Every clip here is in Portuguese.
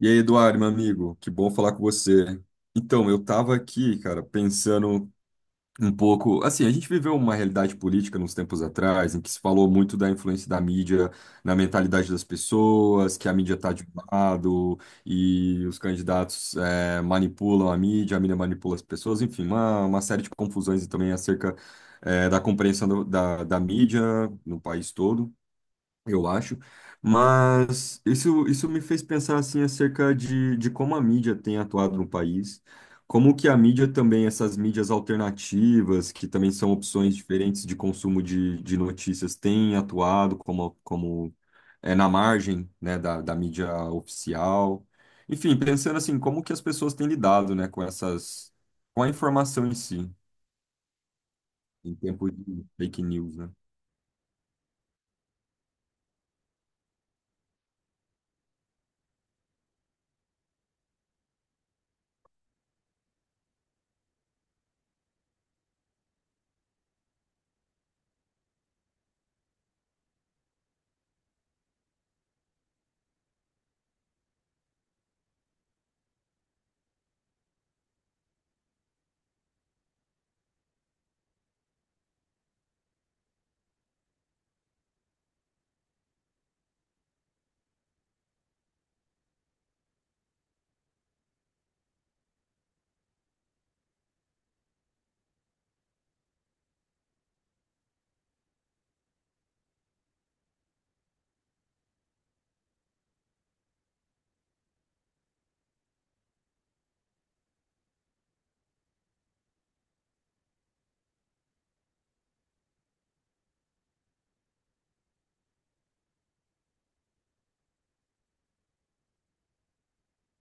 E aí, Eduardo, meu amigo, que bom falar com você. Então, eu estava aqui, cara, pensando um pouco. Assim, a gente viveu uma realidade política nos tempos atrás, em que se falou muito da influência da mídia na mentalidade das pessoas, que a mídia está de um lado e os candidatos manipulam a mídia manipula as pessoas, enfim, uma série de confusões e também acerca da compreensão da mídia no país todo eu acho. Mas isso me fez pensar assim acerca de como a mídia tem atuado no país, como que a mídia também, essas mídias alternativas, que também são opções diferentes de consumo de notícias, têm atuado como é, na margem, né, da mídia oficial. Enfim, pensando assim, como que as pessoas têm lidado, né, com a informação em si, em tempo de fake news, né?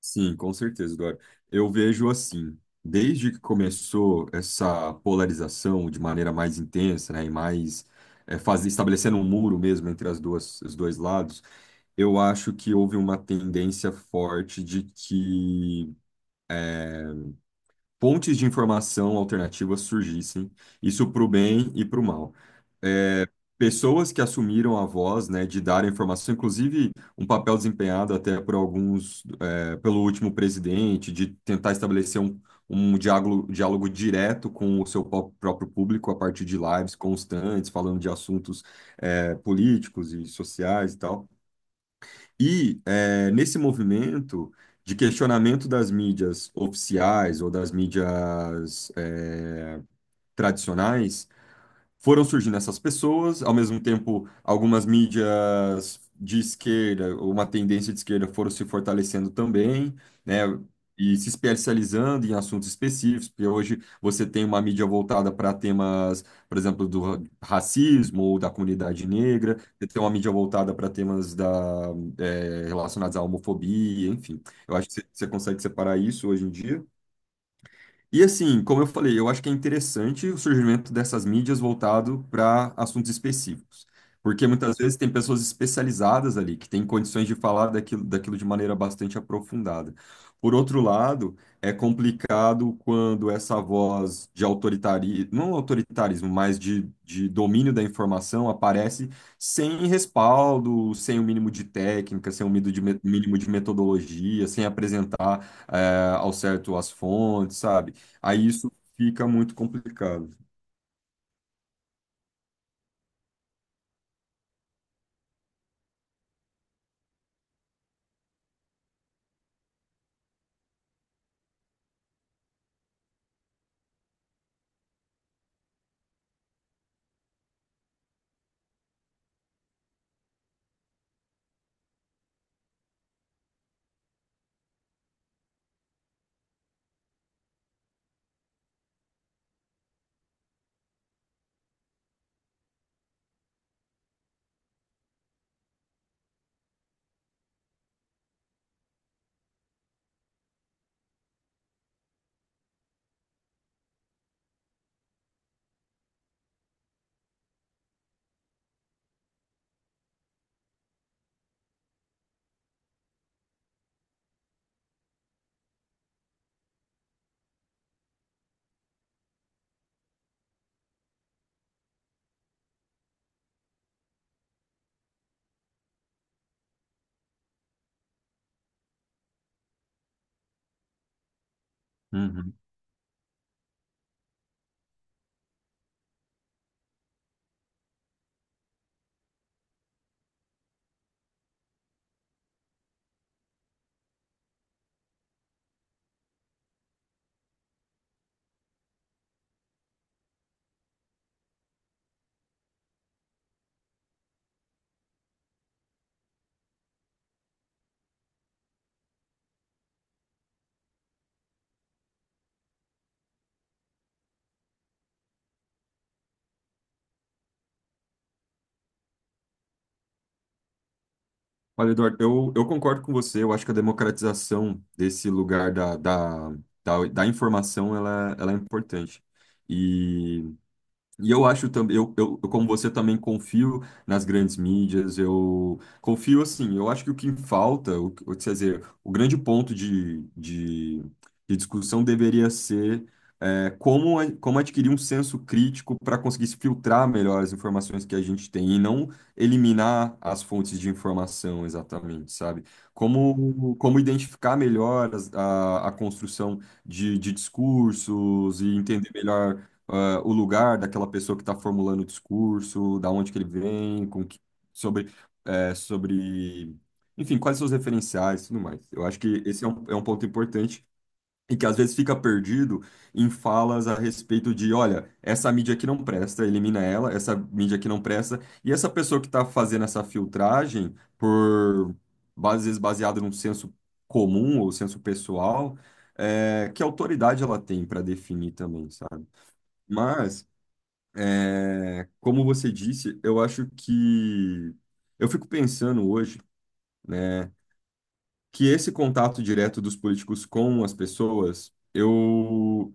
Sim, com certeza, Dora. Eu vejo assim, desde que começou essa polarização de maneira mais intensa, né, e mais estabelecendo um muro mesmo entre as duas, os dois lados, eu acho que houve uma tendência forte de que pontes de informação alternativas surgissem, isso para o bem e para o mal. Pessoas que assumiram a voz, né, de dar a informação, inclusive um papel desempenhado até por alguns, é, pelo último presidente, de tentar estabelecer um diálogo direto com o seu próprio público a partir de lives constantes, falando de assuntos, é, políticos e sociais e tal. E, é, nesse movimento de questionamento das mídias oficiais ou das mídias, é, tradicionais, foram surgindo essas pessoas, ao mesmo tempo, algumas mídias de esquerda, uma tendência de esquerda foram se fortalecendo também, né? E se especializando em assuntos específicos, porque hoje você tem uma mídia voltada para temas, por exemplo, do racismo ou da comunidade negra, você tem uma mídia voltada para temas da, relacionados à homofobia, enfim. Eu acho que você consegue separar isso hoje em dia. E assim, como eu falei, eu acho que é interessante o surgimento dessas mídias voltado para assuntos específicos, porque muitas vezes tem pessoas especializadas ali que têm condições de falar daquilo de maneira bastante aprofundada. Por outro lado, é complicado quando essa voz de autoritarismo, não autoritarismo, mas de domínio da informação aparece sem respaldo, sem o mínimo de técnica, sem o mínimo de mínimo de metodologia, sem apresentar, ao certo as fontes, sabe? Aí isso fica muito complicado. Uhum. Olha, Eduardo, eu concordo com você. Eu acho que a democratização desse lugar da informação ela é importante. E E eu acho também, eu, como você também confio nas grandes mídias, eu confio assim, eu acho que o que falta, quer dizer, o grande ponto de discussão deveria ser como adquirir um senso crítico para conseguir se filtrar melhor as informações que a gente tem e não eliminar as fontes de informação exatamente, sabe? Como identificar melhor a construção de discursos e entender melhor o lugar daquela pessoa que está formulando o discurso, da onde que ele vem, sobre, sobre, enfim, quais são os referenciais e tudo mais. Eu acho que esse é um ponto importante e que às vezes fica perdido em falas a respeito de, olha, essa mídia aqui não presta, elimina ela, essa mídia aqui não presta, e essa pessoa que está fazendo essa filtragem por, às vezes, baseado num senso comum ou senso pessoal, que autoridade ela tem para definir também, sabe? Mas como você disse, eu acho que eu fico pensando hoje, né, que esse contato direto dos políticos com as pessoas, eu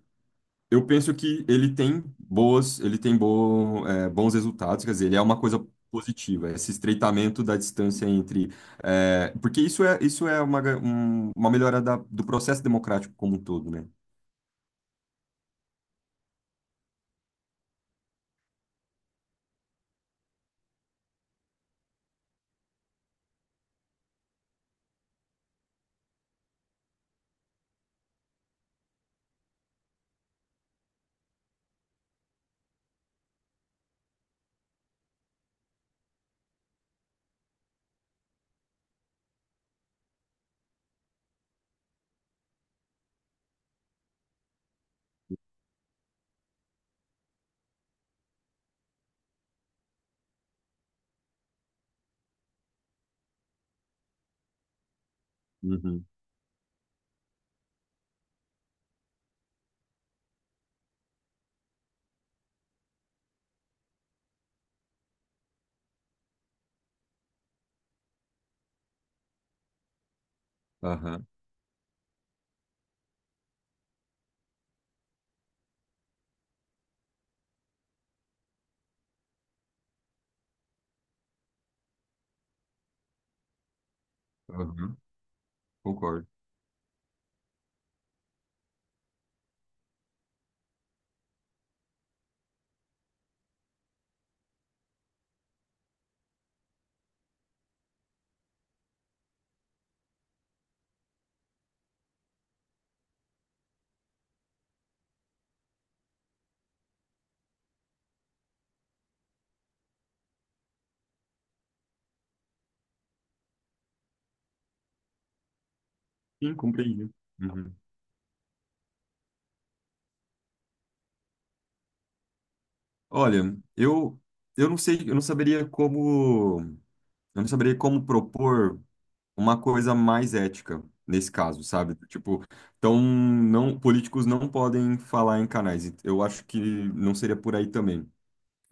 eu penso que ele tem boas, ele tem bo, é, bons resultados, quer dizer, ele é uma coisa positiva, esse estreitamento da distância entre, é, porque isso é uma melhora do processo democrático como um todo, né? Uhum. Aham, aham, concordo. Sim, compreendi. Uhum. Olha, eu não sei, eu não saberia como propor uma coisa mais ética nesse caso, sabe? Tipo, então não, políticos não podem falar em canais. Eu acho que não seria por aí também.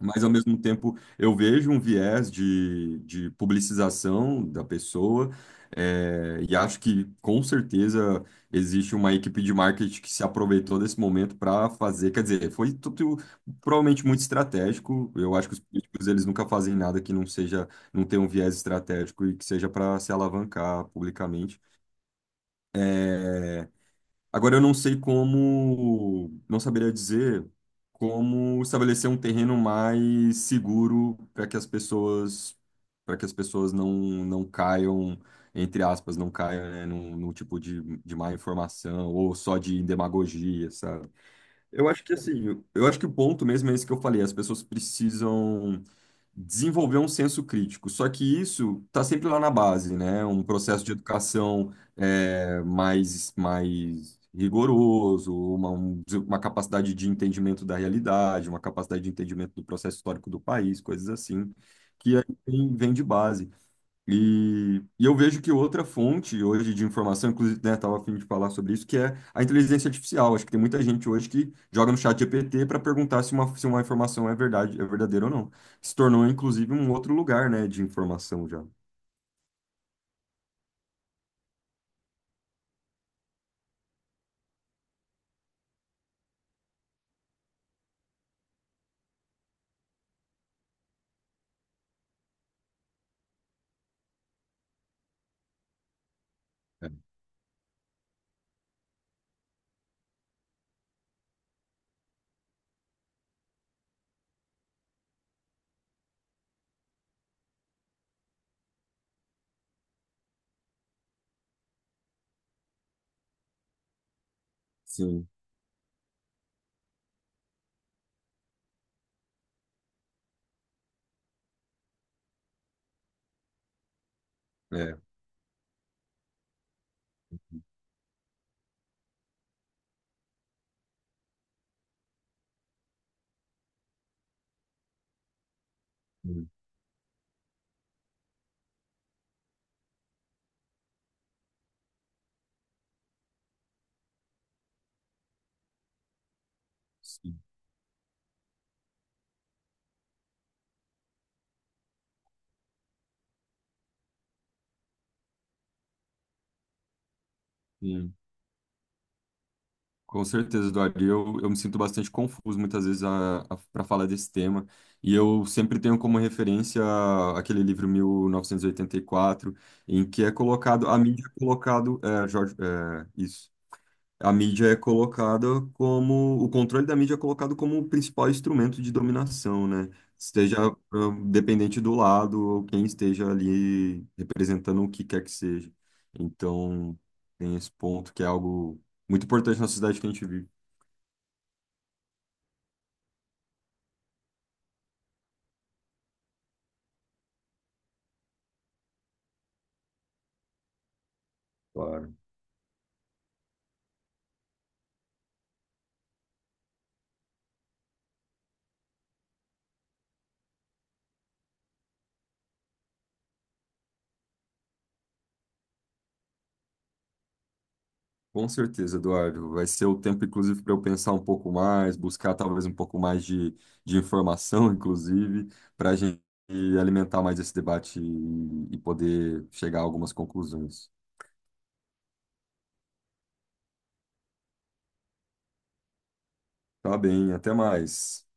Mas, ao mesmo tempo, eu vejo um viés de publicização da pessoa, e acho que, com certeza, existe uma equipe de marketing que se aproveitou desse momento para fazer. Quer dizer, foi tudo provavelmente muito estratégico. Eu acho que os políticos eles nunca fazem nada que não seja, não tenha um viés estratégico e que seja para se alavancar publicamente. Agora eu não sei como, não saberia dizer como estabelecer um terreno mais seguro para que as pessoas não caiam, entre aspas, não caiam, né, num tipo de má informação ou só de demagogia, sabe? Eu acho que assim, eu acho que o ponto mesmo é esse que eu falei, as pessoas precisam desenvolver um senso crítico. Só que isso está sempre lá na base, né? Um processo de educação mais rigoroso, uma capacidade de entendimento da realidade, uma capacidade de entendimento do processo histórico do país, coisas assim, que aí vem de base. E eu vejo que outra fonte hoje de informação, inclusive, né, estava a fim de falar sobre isso, que é a inteligência artificial. Acho que tem muita gente hoje que joga no chat GPT para perguntar se uma informação é verdade, é verdadeira ou não. Se tornou, inclusive, um outro lugar, né, de informação já. É. Sim, é. Sim, sim. Com certeza, Eduardo. E eu me sinto bastante confuso muitas vezes para falar desse tema. E eu sempre tenho como referência aquele livro mil novecentos e oitenta e quatro em que é colocado, a mídia é colocado, é, Jorge, é, isso. A mídia é colocada como, o controle da mídia é colocado como o principal instrumento de dominação, né? Esteja, dependente do lado ou quem esteja ali representando o que quer que seja. Então, tem esse ponto que é algo muito importante na sociedade que a gente vive. Claro. Com certeza, Eduardo. Vai ser o tempo, inclusive, para eu pensar um pouco mais, buscar talvez um pouco mais de informação, inclusive, para a gente alimentar mais esse debate e poder chegar a algumas conclusões. Tá bem, até mais.